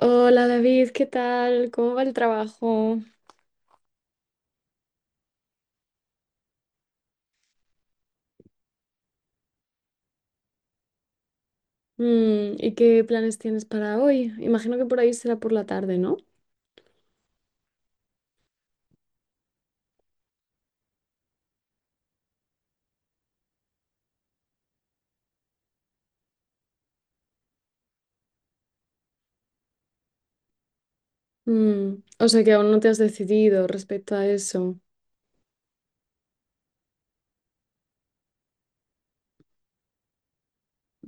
Hola David, ¿qué tal? ¿Cómo va el trabajo? ¿Y qué planes tienes para hoy? Imagino que por ahí será por la tarde, ¿no? O sea que aún no te has decidido respecto a eso.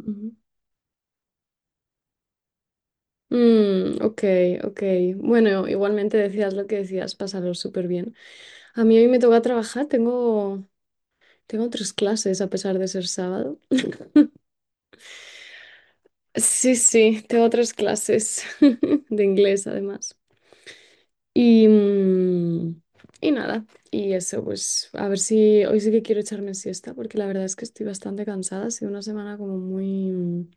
Ujú. Mm, ok, ok. Bueno, igualmente decías lo que decías, pasarlo súper bien. A mí hoy me toca trabajar, tengo tres clases a pesar de ser sábado. Sí, sí, tengo tres clases de inglés además. Y, y nada, y eso, pues a ver si hoy sí que quiero echarme siesta, porque la verdad es que estoy bastante cansada, ha sido una semana como muy,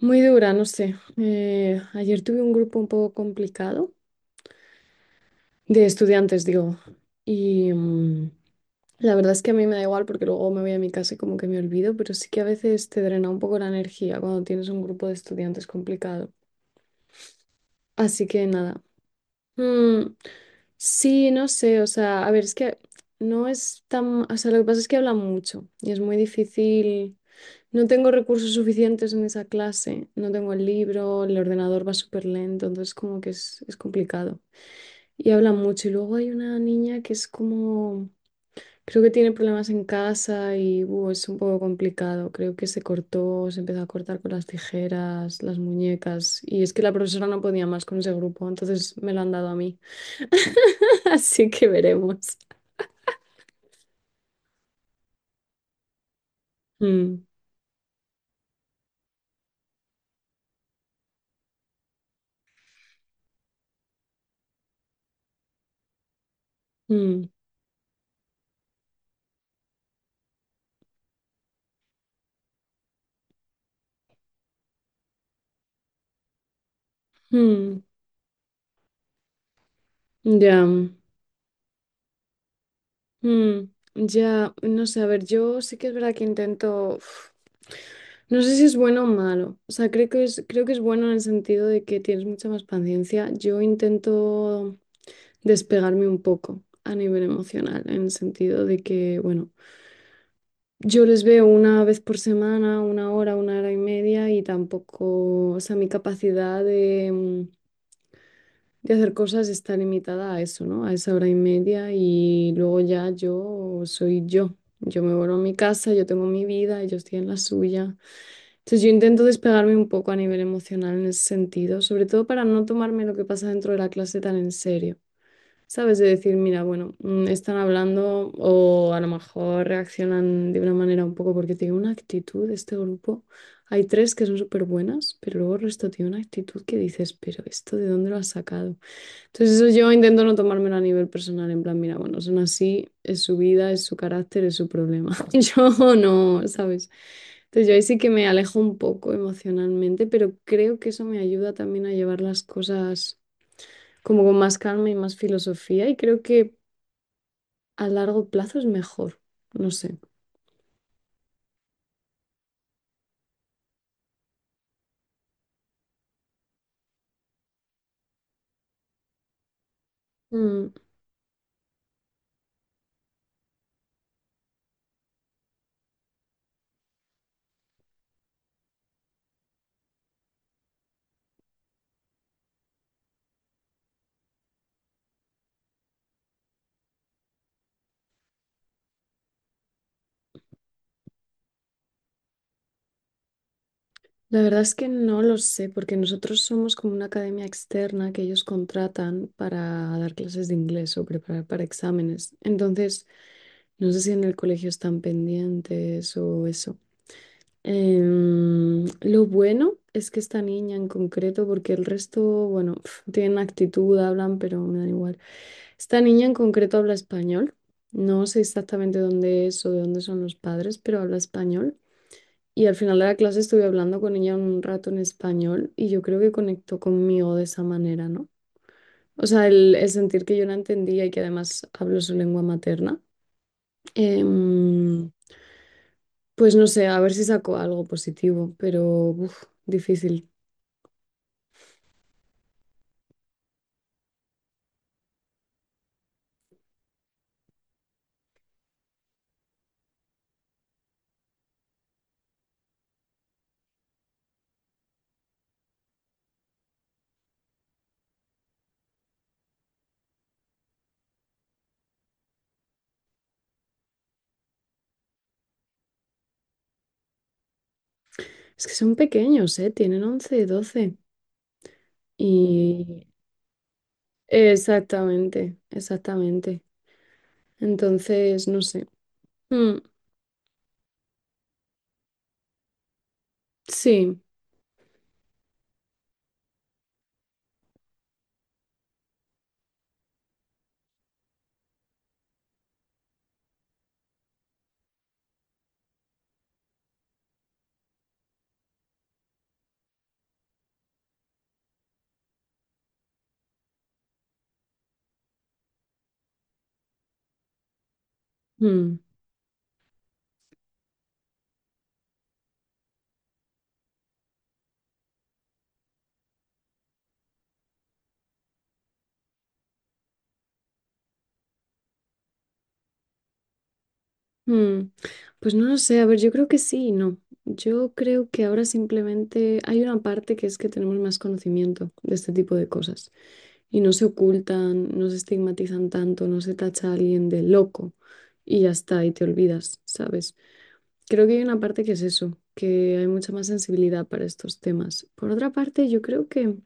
muy dura, no sé. Ayer tuve un grupo un poco complicado de estudiantes, digo, y la verdad es que a mí me da igual porque luego me voy a mi casa y como que me olvido, pero sí que a veces te drena un poco la energía cuando tienes un grupo de estudiantes complicado. Así que nada. Mm, sí, no sé, o sea, a ver, es que no es tan, o sea, lo que pasa es que habla mucho y es muy difícil. No tengo recursos suficientes en esa clase, no tengo el libro, el ordenador va súper lento, entonces como que es complicado. Y habla mucho y luego hay una niña que es como, creo que tiene problemas en casa y es un poco complicado, creo que se cortó, se empezó a cortar con las tijeras, las muñecas y es que la profesora no podía más con ese grupo, entonces me lo han dado a mí. Así que veremos. Mm, mm, mm, ya, mm, ya, no sé, a ver, yo sí que es verdad que intento, uf, no sé si es bueno o malo, o sea, creo que es bueno en el sentido de que tienes mucha más paciencia. Yo intento despegarme un poco a nivel emocional, en el sentido de que, bueno, yo les veo una vez por semana, una hora y media y tampoco, o sea, mi capacidad de hacer cosas está limitada a eso, ¿no? A esa hora y media y luego ya yo soy yo. Yo me vuelvo a mi casa, yo tengo mi vida, yo estoy en la suya. Entonces yo intento despegarme un poco a nivel emocional en ese sentido, sobre todo para no tomarme lo que pasa dentro de la clase tan en serio. ¿Sabes? De decir, mira, bueno, están hablando o a lo mejor reaccionan de una manera un poco porque tiene una actitud este grupo. Hay tres que son súper buenas, pero luego el resto tiene una actitud que dices, pero ¿esto de dónde lo has sacado? Entonces eso yo intento no tomármelo a nivel personal, en plan, mira, bueno, son así, es su vida, es su carácter, es su problema. Yo no, ¿sabes? Entonces yo ahí sí que me alejo un poco emocionalmente, pero creo que eso me ayuda también a llevar las cosas como con más calma y más filosofía y creo que a largo plazo es mejor, no sé. Mm. La verdad es que no lo sé, porque nosotros somos como una academia externa que ellos contratan para dar clases de inglés o preparar para exámenes. Entonces, no sé si en el colegio están pendientes o eso. Lo bueno es que esta niña en concreto, porque el resto, bueno, pf, tienen actitud, hablan, pero me da igual. Esta niña en concreto habla español. No sé exactamente dónde es o de dónde son los padres, pero habla español. Y al final de la clase estuve hablando con ella un rato en español y yo creo que conectó conmigo de esa manera, ¿no? O sea, el sentir que yo la entendía y que además hablo su lengua materna. Em, pues no sé, a ver si saco algo positivo, pero uf, difícil. Es que son pequeños, ¿eh? Tienen 11, 12. Y exactamente, exactamente. Entonces, no sé. Mm, sí. Mm. Mm, Pues no lo sé, a ver, yo creo que sí y no. Yo creo que ahora simplemente hay una parte que es que tenemos más conocimiento de este tipo de cosas y no se ocultan, no se estigmatizan tanto, no se tacha a alguien de loco y ya está, y te olvidas, ¿sabes? Creo que hay una parte que es eso, que hay mucha más sensibilidad para estos temas. Por otra parte, yo creo que,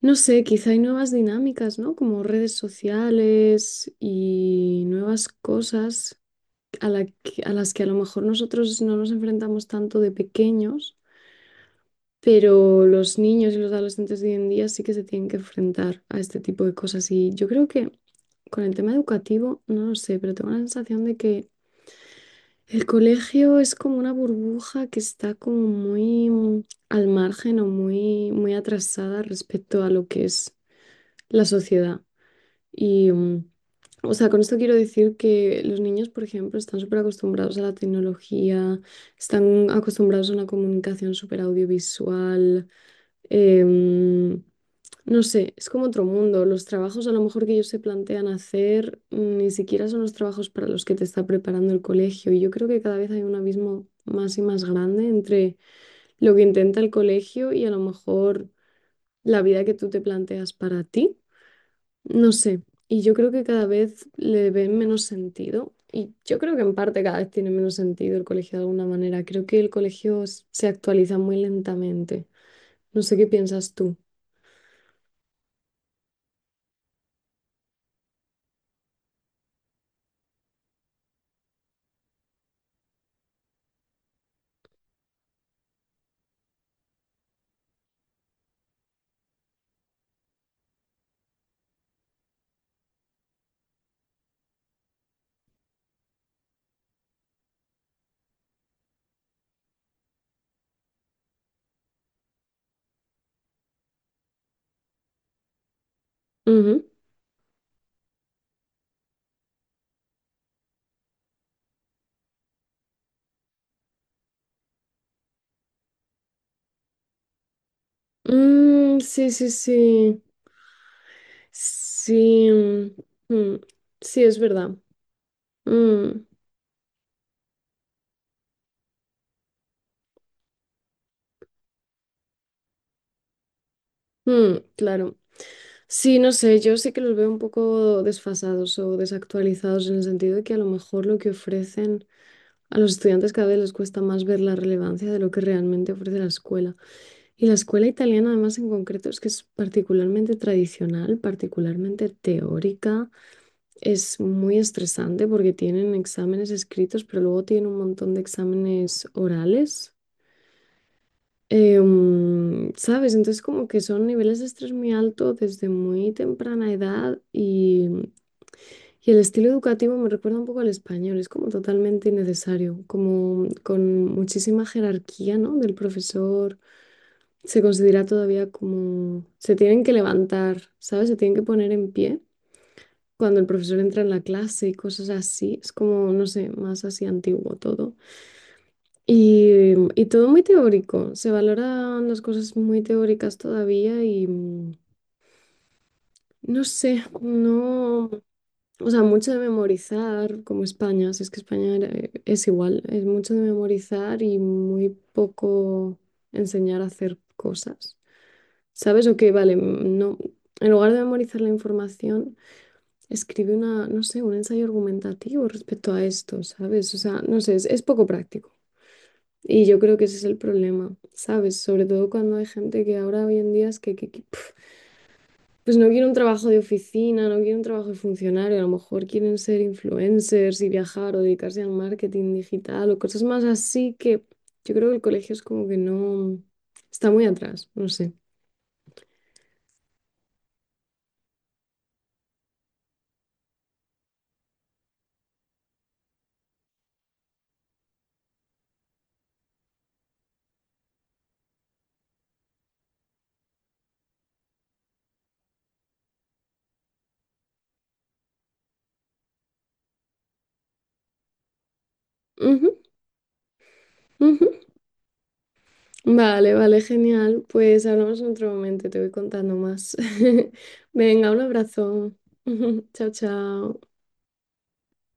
no sé, quizá hay nuevas dinámicas, ¿no? Como redes sociales y nuevas cosas a las que a lo mejor nosotros no nos enfrentamos tanto de pequeños, pero los niños y los adolescentes de hoy en día sí que se tienen que enfrentar a este tipo de cosas. Y yo creo que con el tema educativo, no lo sé, pero tengo la sensación de que el colegio es como una burbuja que está como muy al margen o muy, muy atrasada respecto a lo que es la sociedad. Y, o sea, con esto quiero decir que los niños, por ejemplo, están súper acostumbrados a la tecnología, están acostumbrados a una comunicación súper audiovisual. em, no sé, es como otro mundo. Los trabajos a lo mejor que ellos se plantean hacer ni siquiera son los trabajos para los que te está preparando el colegio. Y yo creo que cada vez hay un abismo más y más grande entre lo que intenta el colegio y a lo mejor la vida que tú te planteas para ti. No sé, y yo creo que cada vez le ven menos sentido, y yo creo que en parte cada vez tiene menos sentido el colegio de alguna manera. Creo que el colegio se actualiza muy lentamente. No sé qué piensas tú. Ujú. Mm, sí, sí, sí. Sí, sí, es verdad. Mm, mm, claro. Sí, no sé, yo sí que los veo un poco desfasados o desactualizados en el sentido de que a lo mejor lo que ofrecen. A los estudiantes cada vez les cuesta más ver la relevancia de lo que realmente ofrece la escuela. Y la escuela italiana, además, en concreto, es que es particularmente tradicional, particularmente teórica. Es muy estresante porque tienen exámenes escritos, pero luego tienen un montón de exámenes orales. ¿Sabes? Entonces, como que son niveles de estrés muy alto desde muy temprana edad y el estilo educativo me recuerda un poco al español, es como totalmente innecesario, como con muchísima jerarquía, ¿no? Del profesor, se considera todavía como, se tienen que levantar, ¿sabes? Se tienen que poner en pie cuando el profesor entra en la clase y cosas así, es como, no sé, más así antiguo todo. Y todo muy teórico, se valoran las cosas muy teóricas todavía y no sé, no... O sea, mucho de memorizar, como España, o sea, es que España es igual, es mucho de memorizar y muy poco enseñar a hacer cosas. ¿Sabes? O que, vale, no, en lugar de memorizar la información, escribe una, no sé, un ensayo argumentativo respecto a esto, ¿sabes? O sea, no sé, es poco práctico. Y yo creo que ese es el problema, ¿sabes? Sobre todo cuando hay gente que ahora hoy en día es que pues no quieren un trabajo de oficina, no quieren un trabajo de funcionario, a lo mejor quieren ser influencers y viajar o dedicarse al marketing digital o cosas más así que yo creo que el colegio es como que no está muy atrás, no sé. Ujú, ujú. Vale, vale, genial. Pues hablamos en otro momento, te voy contando más. Venga, un abrazo. Chao, chao.